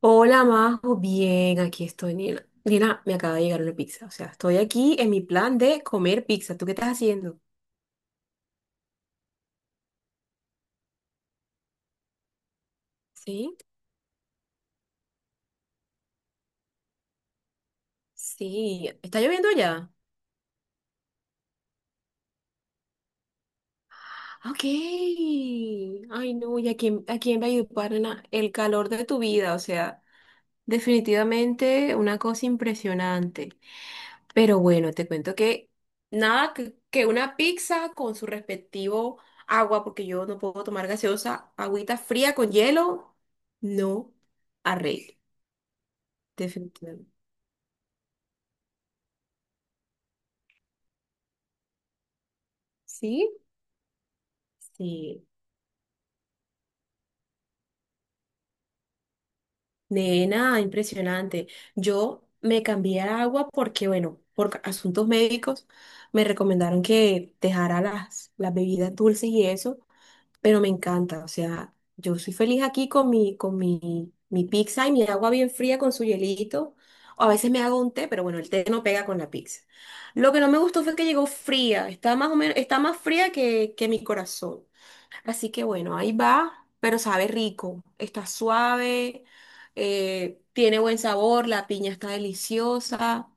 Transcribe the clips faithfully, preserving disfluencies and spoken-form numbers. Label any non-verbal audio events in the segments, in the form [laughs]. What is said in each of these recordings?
Hola, Majo, bien, aquí estoy, Nina. Nina, me acaba de llegar una pizza, o sea, estoy aquí en mi plan de comer pizza. ¿Tú qué estás haciendo? Sí, sí, ¿está lloviendo ya? Ok. Ay, no, ¿y a quién, a quién va a ayudar, nena? El calor de tu vida, o sea, definitivamente una cosa impresionante. Pero bueno, te cuento que nada que, que una pizza con su respectivo agua, porque yo no puedo tomar gaseosa, agüita fría con hielo, no arreglo. Definitivamente. ¿Sí? Sí, nena, impresionante. Yo me cambié a agua porque, bueno, por asuntos médicos me recomendaron que dejara las, las bebidas dulces y eso. Pero me encanta, o sea, yo soy feliz aquí con mi, con mi, mi pizza y mi agua bien fría con su hielito. O a veces me hago un té, pero bueno, el té no pega con la pizza. Lo que no me gustó fue que llegó fría, está más o menos, está más fría que, que mi corazón. Así que bueno, ahí va, pero sabe rico, está suave, eh, tiene buen sabor, la piña está deliciosa.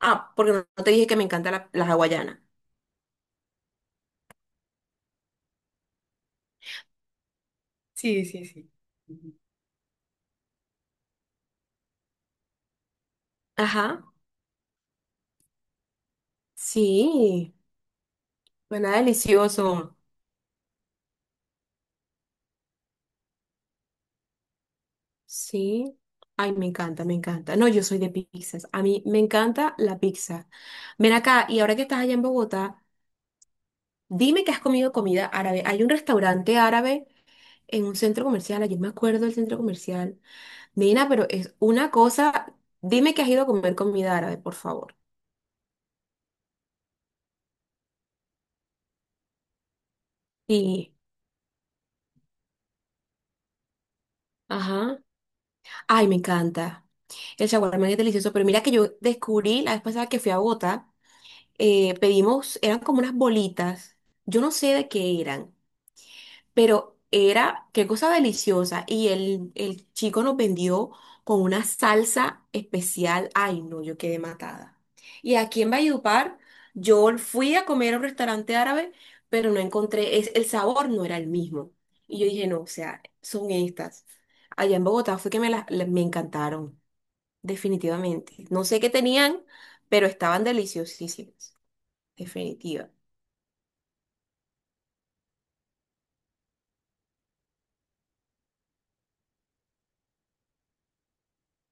Ah, porque no no te dije que me encanta la, la hawaiana. Sí, sí, sí. Ujú. Ajá, sí. Suena delicioso. Sí. Ay, me encanta, me encanta. No, yo soy de pizzas. A mí me encanta la pizza. Ven acá, y ahora que estás allá en Bogotá, dime que has comido comida árabe. Hay un restaurante árabe en un centro comercial. Ayer me acuerdo del centro comercial. Nina, pero es una cosa. Dime que has ido a comer comida árabe, por favor. Sí. Ajá. Ay, me encanta. El shawarma es delicioso, pero mira que yo descubrí la vez pasada que fui a Bogotá. Eh, pedimos, eran como unas bolitas, yo no sé de qué eran, pero era qué cosa deliciosa. Y el, el chico nos vendió con una salsa especial. Ay, no, yo quedé matada. Y aquí en Valledupar, yo fui a comer a un restaurante árabe, pero no encontré, es, el sabor no era el mismo. Y yo dije, no, o sea, son estas. Allá en Bogotá fue que me, las me encantaron, definitivamente. No sé qué tenían, pero estaban deliciosísimas. Definitiva.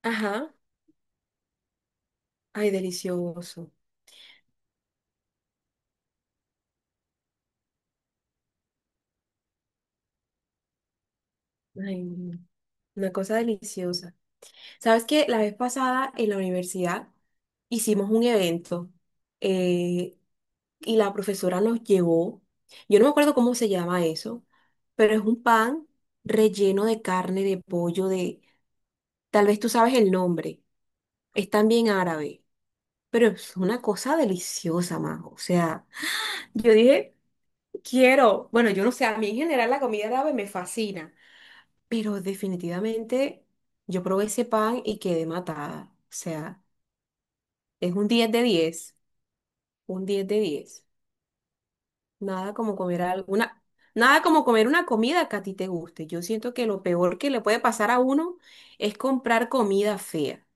Ajá. Ay, delicioso. Ay, no, una cosa deliciosa. ¿Sabes qué? La vez pasada en la universidad hicimos un evento, eh, y la profesora nos llevó, yo no me acuerdo cómo se llama eso, pero es un pan relleno de carne, de pollo, de... Tal vez tú sabes el nombre, es también árabe, pero es una cosa deliciosa, Majo. O sea, yo dije, quiero, bueno, yo no sé, a mí en general la comida árabe me fascina. Pero definitivamente yo probé ese pan y quedé matada. O sea, es un diez de diez, un diez de diez. Nada como comer alguna, Nada como comer una comida que a ti te guste. Yo siento que lo peor que le puede pasar a uno es comprar comida fea.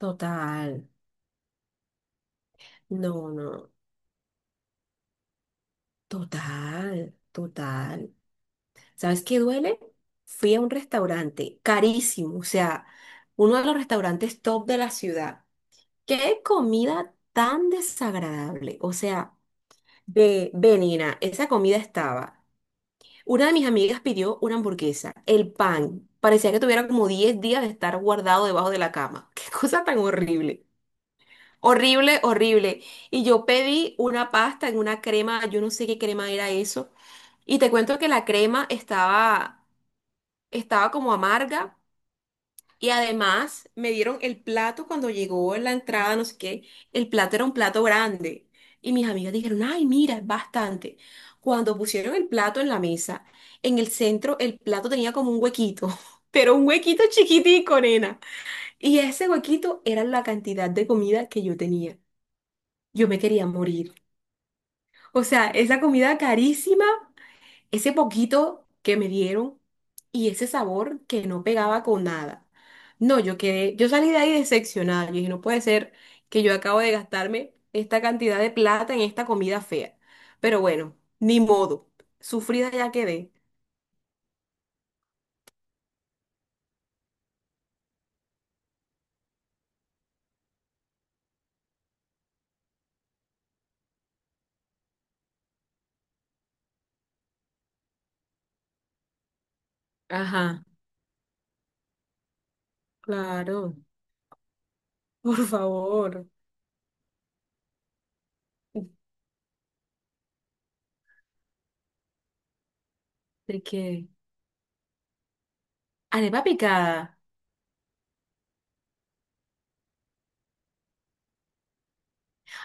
Total. No, no. Total, total. ¿Sabes qué duele? Fui a un restaurante carísimo, o sea, uno de los restaurantes top de la ciudad. Qué comida tan desagradable. O sea, ve, ve, Nina, esa comida estaba. Una de mis amigas pidió una hamburguesa, el pan. Parecía que tuviera como diez días de estar guardado debajo de la cama. [laughs] Qué cosa tan horrible. Horrible, horrible. Y yo pedí una pasta en una crema, yo no sé qué crema era eso. Y te cuento que la crema estaba, estaba como amarga. Y además me dieron el plato cuando llegó la entrada, no sé qué. El plato era un plato grande. Y mis amigas dijeron, ay, mira, es bastante. Cuando pusieron el plato en la mesa, en el centro el plato tenía como un huequito, [laughs] pero un huequito chiquitico, nena. Y ese huequito era la cantidad de comida que yo tenía. Yo me quería morir. O sea, esa comida carísima, ese poquito que me dieron y ese sabor que no pegaba con nada. No, yo quedé, yo salí de ahí decepcionada. Yo dije, no puede ser que yo acabo de gastarme esta cantidad de plata en esta comida fea. Pero bueno, ni modo. Sufrida ya quedé. Ajá, claro. [laughs] Por favor. ¿De qué? Arepa picada.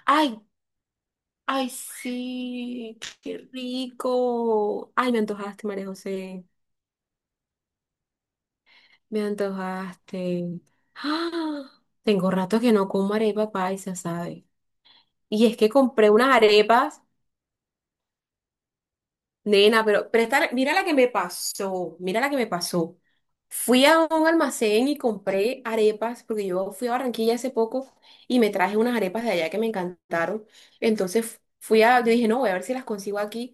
Ay, ay, sí, qué rico. Ay, me antojaste, María José. Me antojaste. ¡Ah! Tengo rato que no como arepa paisa, ¿sabes? Y es que compré unas arepas. Nena, pero, pero esta- mira la que me pasó, mira la que me pasó. Fui a un almacén y compré arepas, porque yo fui a Barranquilla hace poco y me traje unas arepas de allá que me encantaron. Entonces fui a, yo dije, no, voy a ver si las consigo aquí.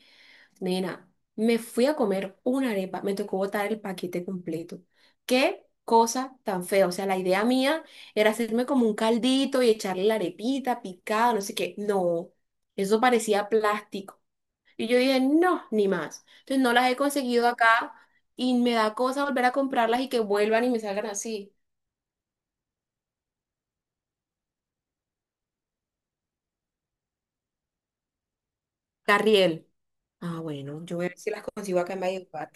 Nena, me fui a comer una arepa, me tocó botar el paquete completo. Qué cosa tan fea. O sea, la idea mía era hacerme como un caldito y echarle la arepita picada, no sé qué. No, eso parecía plástico. Y yo dije, no, ni más. Entonces no las he conseguido acá y me da cosa volver a comprarlas y que vuelvan y me salgan así. Carriel. Ah, bueno, yo voy a ver si las consigo acá en Valledupar.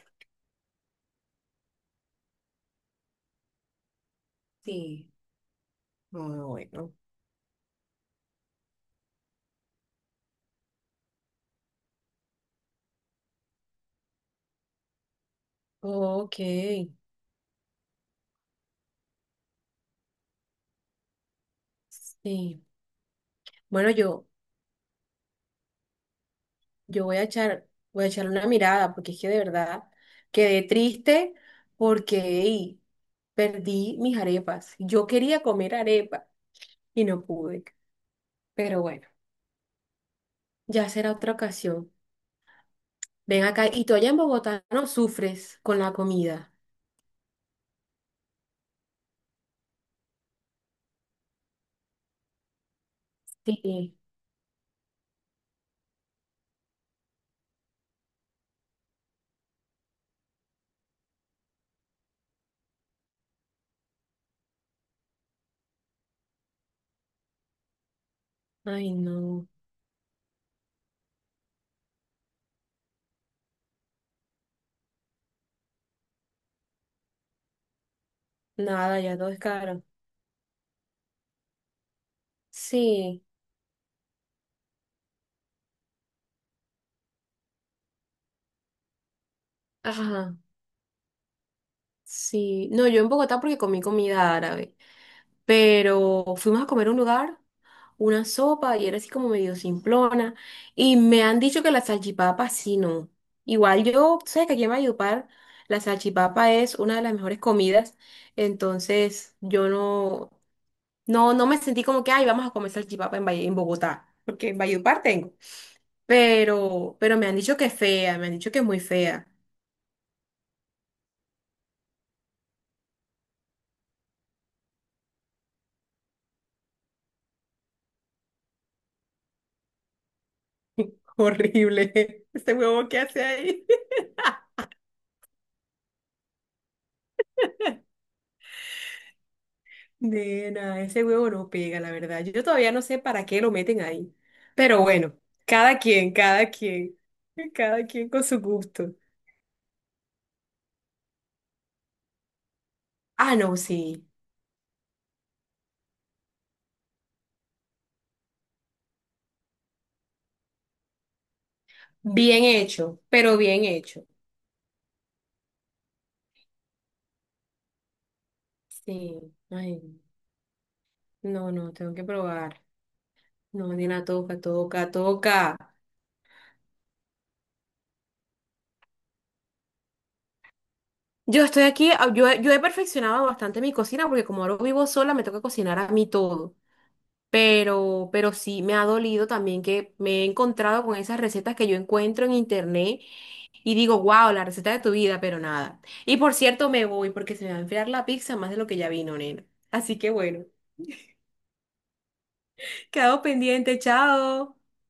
Sí, no, bueno. Ok, sí. Bueno, yo, yo voy a echar, voy a echar una mirada porque es que de verdad quedé triste porque ey, perdí mis arepas. Yo quería comer arepa y no pude. Pero bueno, ya será otra ocasión. Ven acá, y tú allá en Bogotá no sufres con la comida. Sí, ay, no, nada, ya todo es caro. Sí, ajá, sí. No, yo en Bogotá porque comí comida árabe, pero fuimos a comer a un lugar, una sopa, y era así como medio simplona, y me han dicho que la salchipapa sí no. Igual yo, tú sabes que aquí en Valledupar la salchipapa es una de las mejores comidas, entonces yo no, no, no me sentí como que, ay, vamos a comer salchipapa en, Valle- en Bogotá, porque en Valledupar tengo. Pero, pero me han dicho que es fea, me han dicho que es muy fea. Horrible. [laughs] Ese huevo que hace ahí. [laughs] Nena, ese huevo no pega, la verdad. Yo todavía no sé para qué lo meten ahí. Pero bueno, cada quien, cada quien, [laughs] cada quien con su gusto. Ah, no, sí. Bien hecho, pero bien hecho. Sí. Ay, no, no, tengo que probar. No, nena, toca, toca, toca. Yo estoy aquí, ah, yo, he- yo he perfeccionado bastante mi cocina porque como ahora vivo sola me toca cocinar a mí todo. Pero, pero sí me ha dolido también que me he encontrado con esas recetas que yo encuentro en internet y digo, wow, la receta de tu vida, pero nada. Y por cierto, me voy porque se me va a enfriar la pizza más de lo que ya vino, nena. Así que bueno, quedado pendiente, chao.